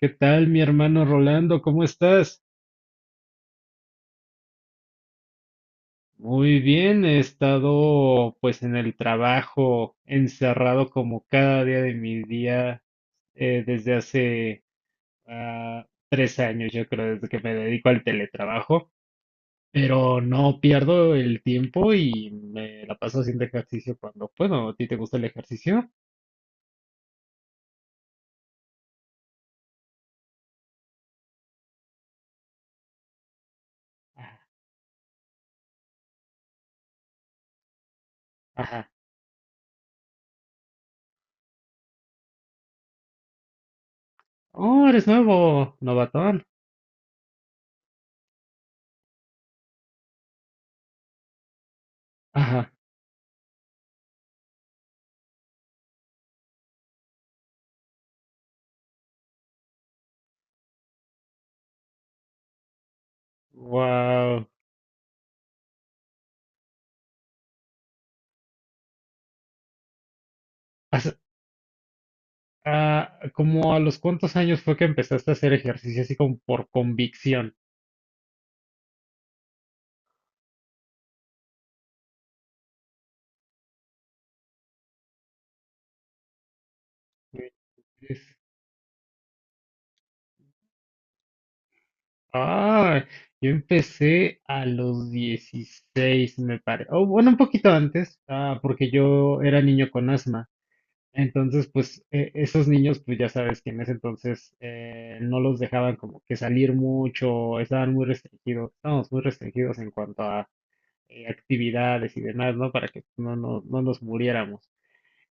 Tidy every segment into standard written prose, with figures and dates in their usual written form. ¿Qué tal, mi hermano Rolando? ¿Cómo estás? Muy bien, he estado pues en el trabajo, encerrado como cada día de mi día desde hace 3 años, yo creo, desde que me dedico al teletrabajo, pero no pierdo el tiempo y me la paso haciendo ejercicio cuando puedo. ¿A ti te gusta el ejercicio? Ajá. Oh, eres nuevo, novatón. Ajá. Wow. Ah, ¿como a los cuántos años fue que empezaste a hacer ejercicio así como por convicción? Es- Ah, yo empecé a los 16 me parece. O bueno, un poquito antes, ah, porque yo era niño con asma. Entonces, pues esos niños, pues ya sabes que en ese entonces no los dejaban como que salir mucho, estaban muy restringidos, estábamos muy restringidos en cuanto a actividades y demás, ¿no? Para que no, no, no nos muriéramos.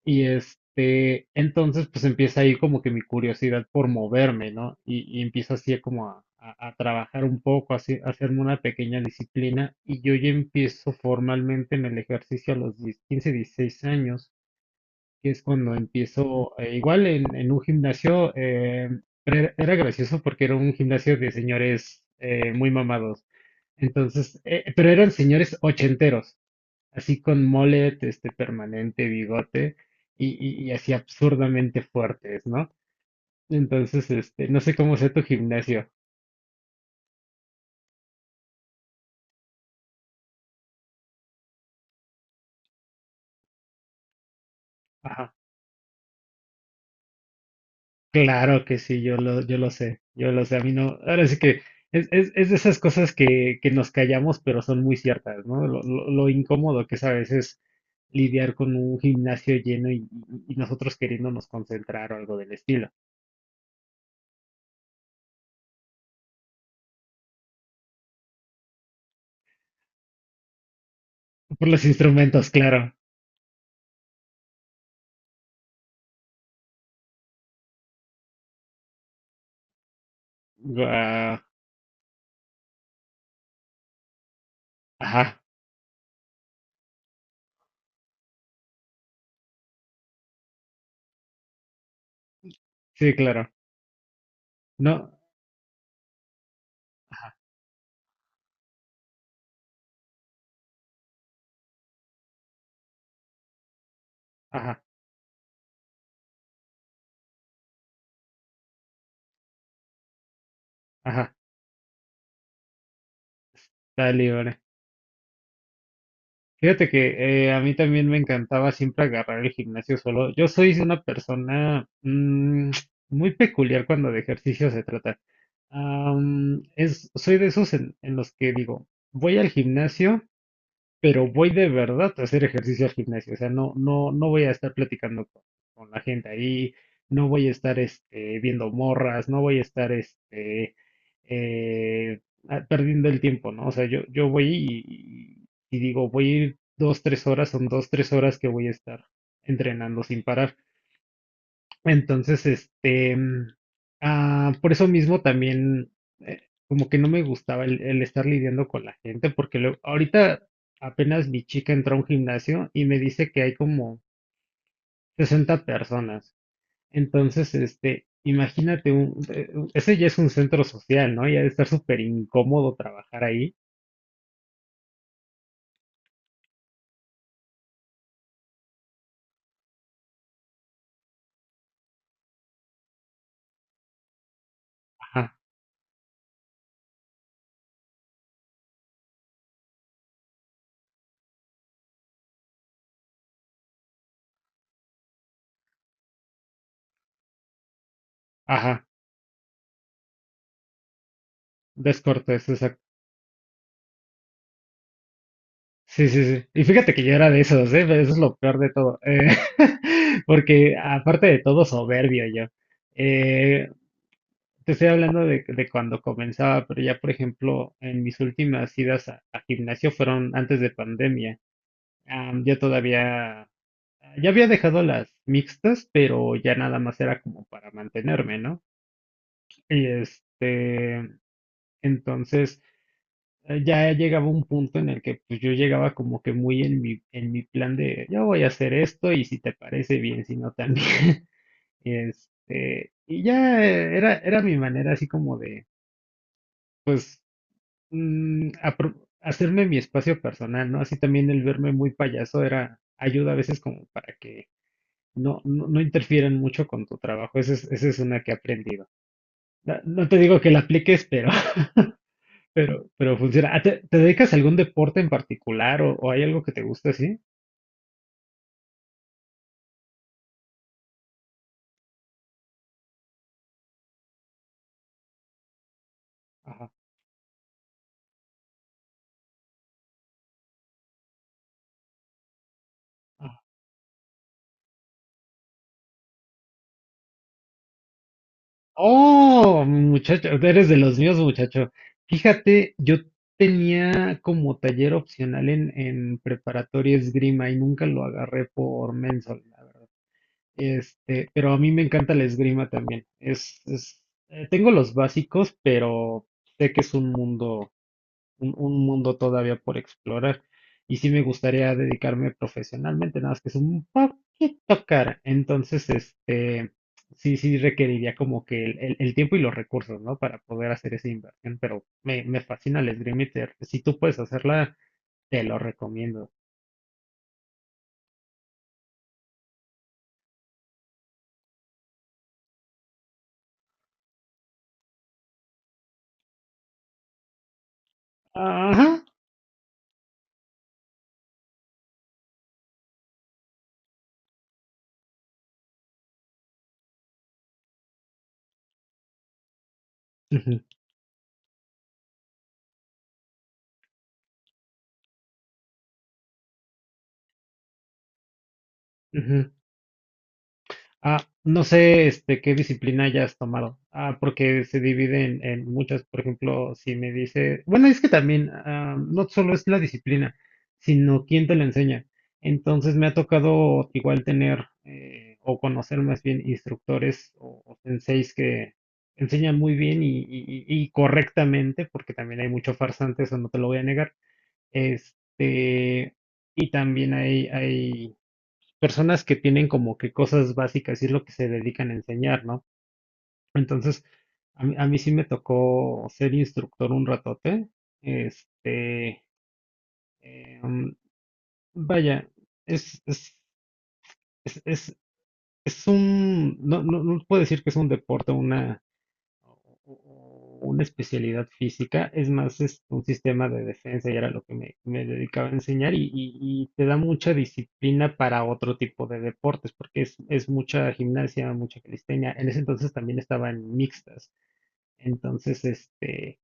Y este, entonces pues empieza ahí como que mi curiosidad por moverme, ¿no? Y empiezo así a como a trabajar un poco, así, a hacerme una pequeña disciplina. Y yo ya empiezo formalmente en el ejercicio a los 10 15 16 años, que es cuando empiezo, igual en un gimnasio, pero era gracioso porque era un gimnasio de señores muy mamados. Entonces, pero eran señores ochenteros así con mullet, este permanente, bigote y así absurdamente fuertes, ¿no? Entonces, este, no sé cómo sea tu gimnasio. Ajá, claro que sí, yo lo sé, yo lo sé, a mí no, ahora sí que es de esas cosas que nos callamos, pero son muy ciertas, ¿no? Lo incómodo que es a veces lidiar con un gimnasio lleno y, y nosotros queriéndonos concentrar o algo del estilo. Por los instrumentos, claro. Guau, ajá, sí, claro. No, ajá, ajá. Ajá, está libre. Fíjate que a mí también me encantaba siempre agarrar el gimnasio solo. Yo soy una persona mm, muy peculiar cuando de ejercicio se trata. Soy de esos en los que digo, voy al gimnasio pero voy de verdad a hacer ejercicio al gimnasio, o sea, no, no, no voy a estar platicando con la gente ahí, no voy a estar este, viendo morras, no voy a estar eh, perdiendo el tiempo, ¿no? O sea, yo voy y digo, voy a ir dos, tres horas, son dos, tres horas que voy a estar entrenando sin parar. Entonces, este, por eso mismo también, eh, como que no me gustaba el estar lidiando con la gente, porque luego ahorita apenas mi chica entró a un gimnasio y me dice que hay como 60 personas. Entonces, este, imagínate, ese ya es un centro social, ¿no? Ya de estar súper incómodo trabajar ahí. Ajá, ajá, descortés. Sí, sí, sí. Y fíjate que yo era de esos, ¿eh? Eso es lo peor de todo. Porque aparte de todo, soberbio yo. Eh, te estoy hablando de cuando comenzaba, pero ya, por ejemplo, en mis últimas idas a gimnasio fueron antes de pandemia. Am, yo todavía, ya había dejado las mixtas, pero ya nada más era como para mantenerme, ¿no? Y este, entonces ya llegaba un punto en el que pues yo llegaba como que muy en mi plan de yo voy a hacer esto y si te parece bien, si no también. Y este, y ya era mi manera así como de, pues, mm, apro- hacerme mi espacio personal, ¿no? Así también el verme muy payaso era, ayuda a veces como para que no, no, no interfieran mucho con tu trabajo. Esa es una que he aprendido. No, no te digo que la apliques, pero funciona. Ah, ¿Te, te dedicas a algún deporte en particular o hay algo que te guste así? Ajá, ajá. Oh, muchacho, eres de los míos, muchacho. Fíjate, yo tenía como taller opcional en preparatoria esgrima y nunca lo agarré por mensol, la verdad. Este, pero a mí me encanta la esgrima también. Tengo los básicos, pero sé que es un mundo todavía por explorar. Y sí me gustaría dedicarme profesionalmente, nada más que es un poquito cara. Entonces, este, sí, sí requeriría como que el, el tiempo y los recursos, ¿no? Para poder hacer esa inversión, pero me fascina el esgrima y si tú puedes hacerla, te lo recomiendo. Ajá. Ujú, ujú. Ah, no sé, este, qué disciplina hayas tomado. Ah, porque se divide en muchas. Por ejemplo, si me dice, bueno, es que también ah, no solo es la disciplina, sino quién te la enseña. Entonces me ha tocado igual tener o conocer más bien instructores o senseis que enseñan muy bien y correctamente, porque también hay mucho farsante, eso no te lo voy a negar. Este, y también hay personas que tienen como que cosas básicas y es lo que se dedican a enseñar, ¿no? Entonces, a mí sí me tocó ser instructor un ratote. Este, em, vaya, es, es, es, es, no, no, no puedo decir que es un deporte, una, o, o una especialidad física, es más es un sistema de defensa y era lo que me dedicaba a enseñar y te da mucha disciplina para otro tipo de deportes, porque es mucha gimnasia, mucha calistenia. En ese entonces también estaba en mixtas, entonces este,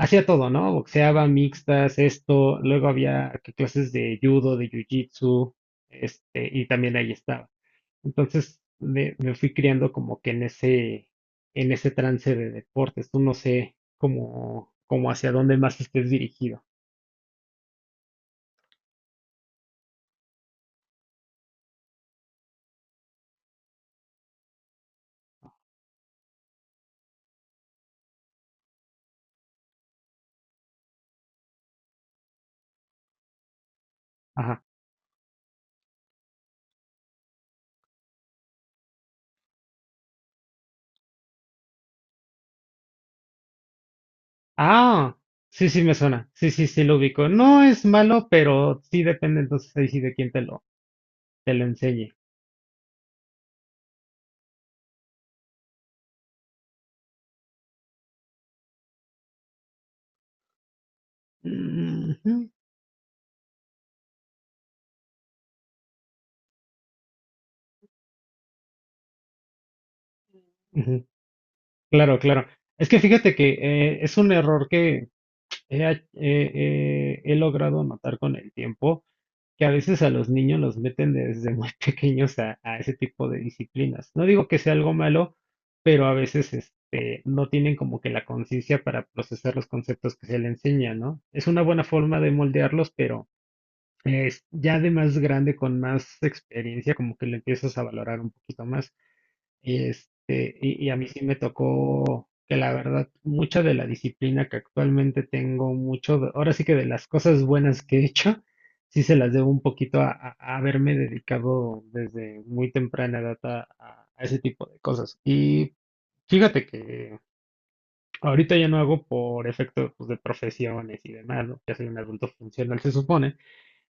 hacía todo, ¿no? Boxeaba, mixtas, esto, luego había que clases de judo, de jiu-jitsu, este, y también ahí estaba. Entonces me fui criando como que en ese trance de deportes. Tú no sé cómo hacia dónde más estés dirigido. Ajá. Ah, sí, sí me suena. Sí, sí, sí lo ubico. No es malo, pero sí depende entonces ahí sí de quién te lo enseñe. Ujú, ujú. Claro, claro. Es que fíjate que es un error que he logrado notar con el tiempo que a veces a los niños los meten desde muy pequeños a ese tipo de disciplinas. No digo que sea algo malo, pero a veces este, no tienen como que la conciencia para procesar los conceptos que se le enseña, ¿no? Es una buena forma de moldearlos, pero es ya de más grande, con más experiencia, como que lo empiezas a valorar un poquito más. Y, este, y a mí sí me tocó que la verdad, mucha de la disciplina que actualmente tengo, mucho, ahora sí que de las cosas buenas que he hecho, sí se las debo un poquito a, a haberme dedicado desde muy temprana edad a, a ese tipo de cosas. Y fíjate que ahorita ya no hago por efecto, pues, de profesiones y demás, ¿no? Ya soy un adulto funcional, se supone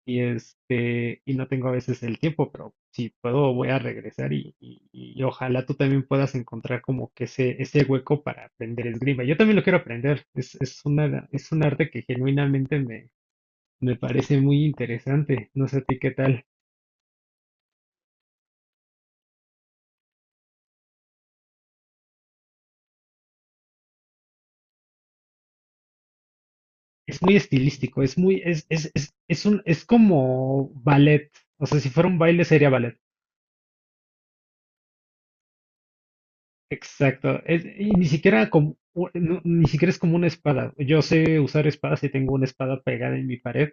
y este, y no tengo a veces el tiempo, pero si puedo voy a regresar y ojalá tú también puedas encontrar como que ese hueco para aprender esgrima. Yo también lo quiero aprender, es un arte que genuinamente me parece muy interesante, no sé a ti qué tal. Es muy estilístico, es muy, es un, es como ballet, o sea, si fuera un baile sería ballet. Exacto. Es, y ni siquiera como, no, ni siquiera es como una espada. Yo sé usar espadas y tengo una espada pegada en mi pared.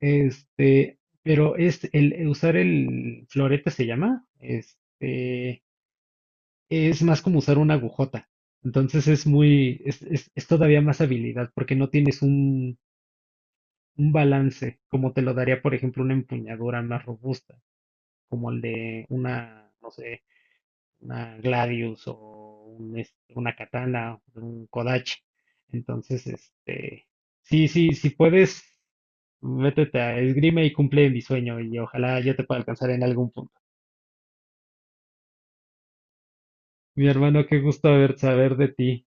Este, pero es el usar el florete se llama. Este, es más como usar una agujota. Entonces es muy, es todavía más habilidad porque no tienes un balance como te lo daría, por ejemplo, una empuñadura más robusta, como el de una, no sé una Gladius o un, este, una katana, un Kodachi. Entonces, este, sí, sí, si puedes, métete a esgrima y cumple mi sueño y ojalá yo te pueda alcanzar en algún punto. Mi hermano, qué gusto haber saber de ti.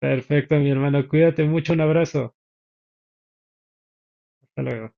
Perfecto, mi hermano, cuídate mucho, un abrazo. Hasta luego.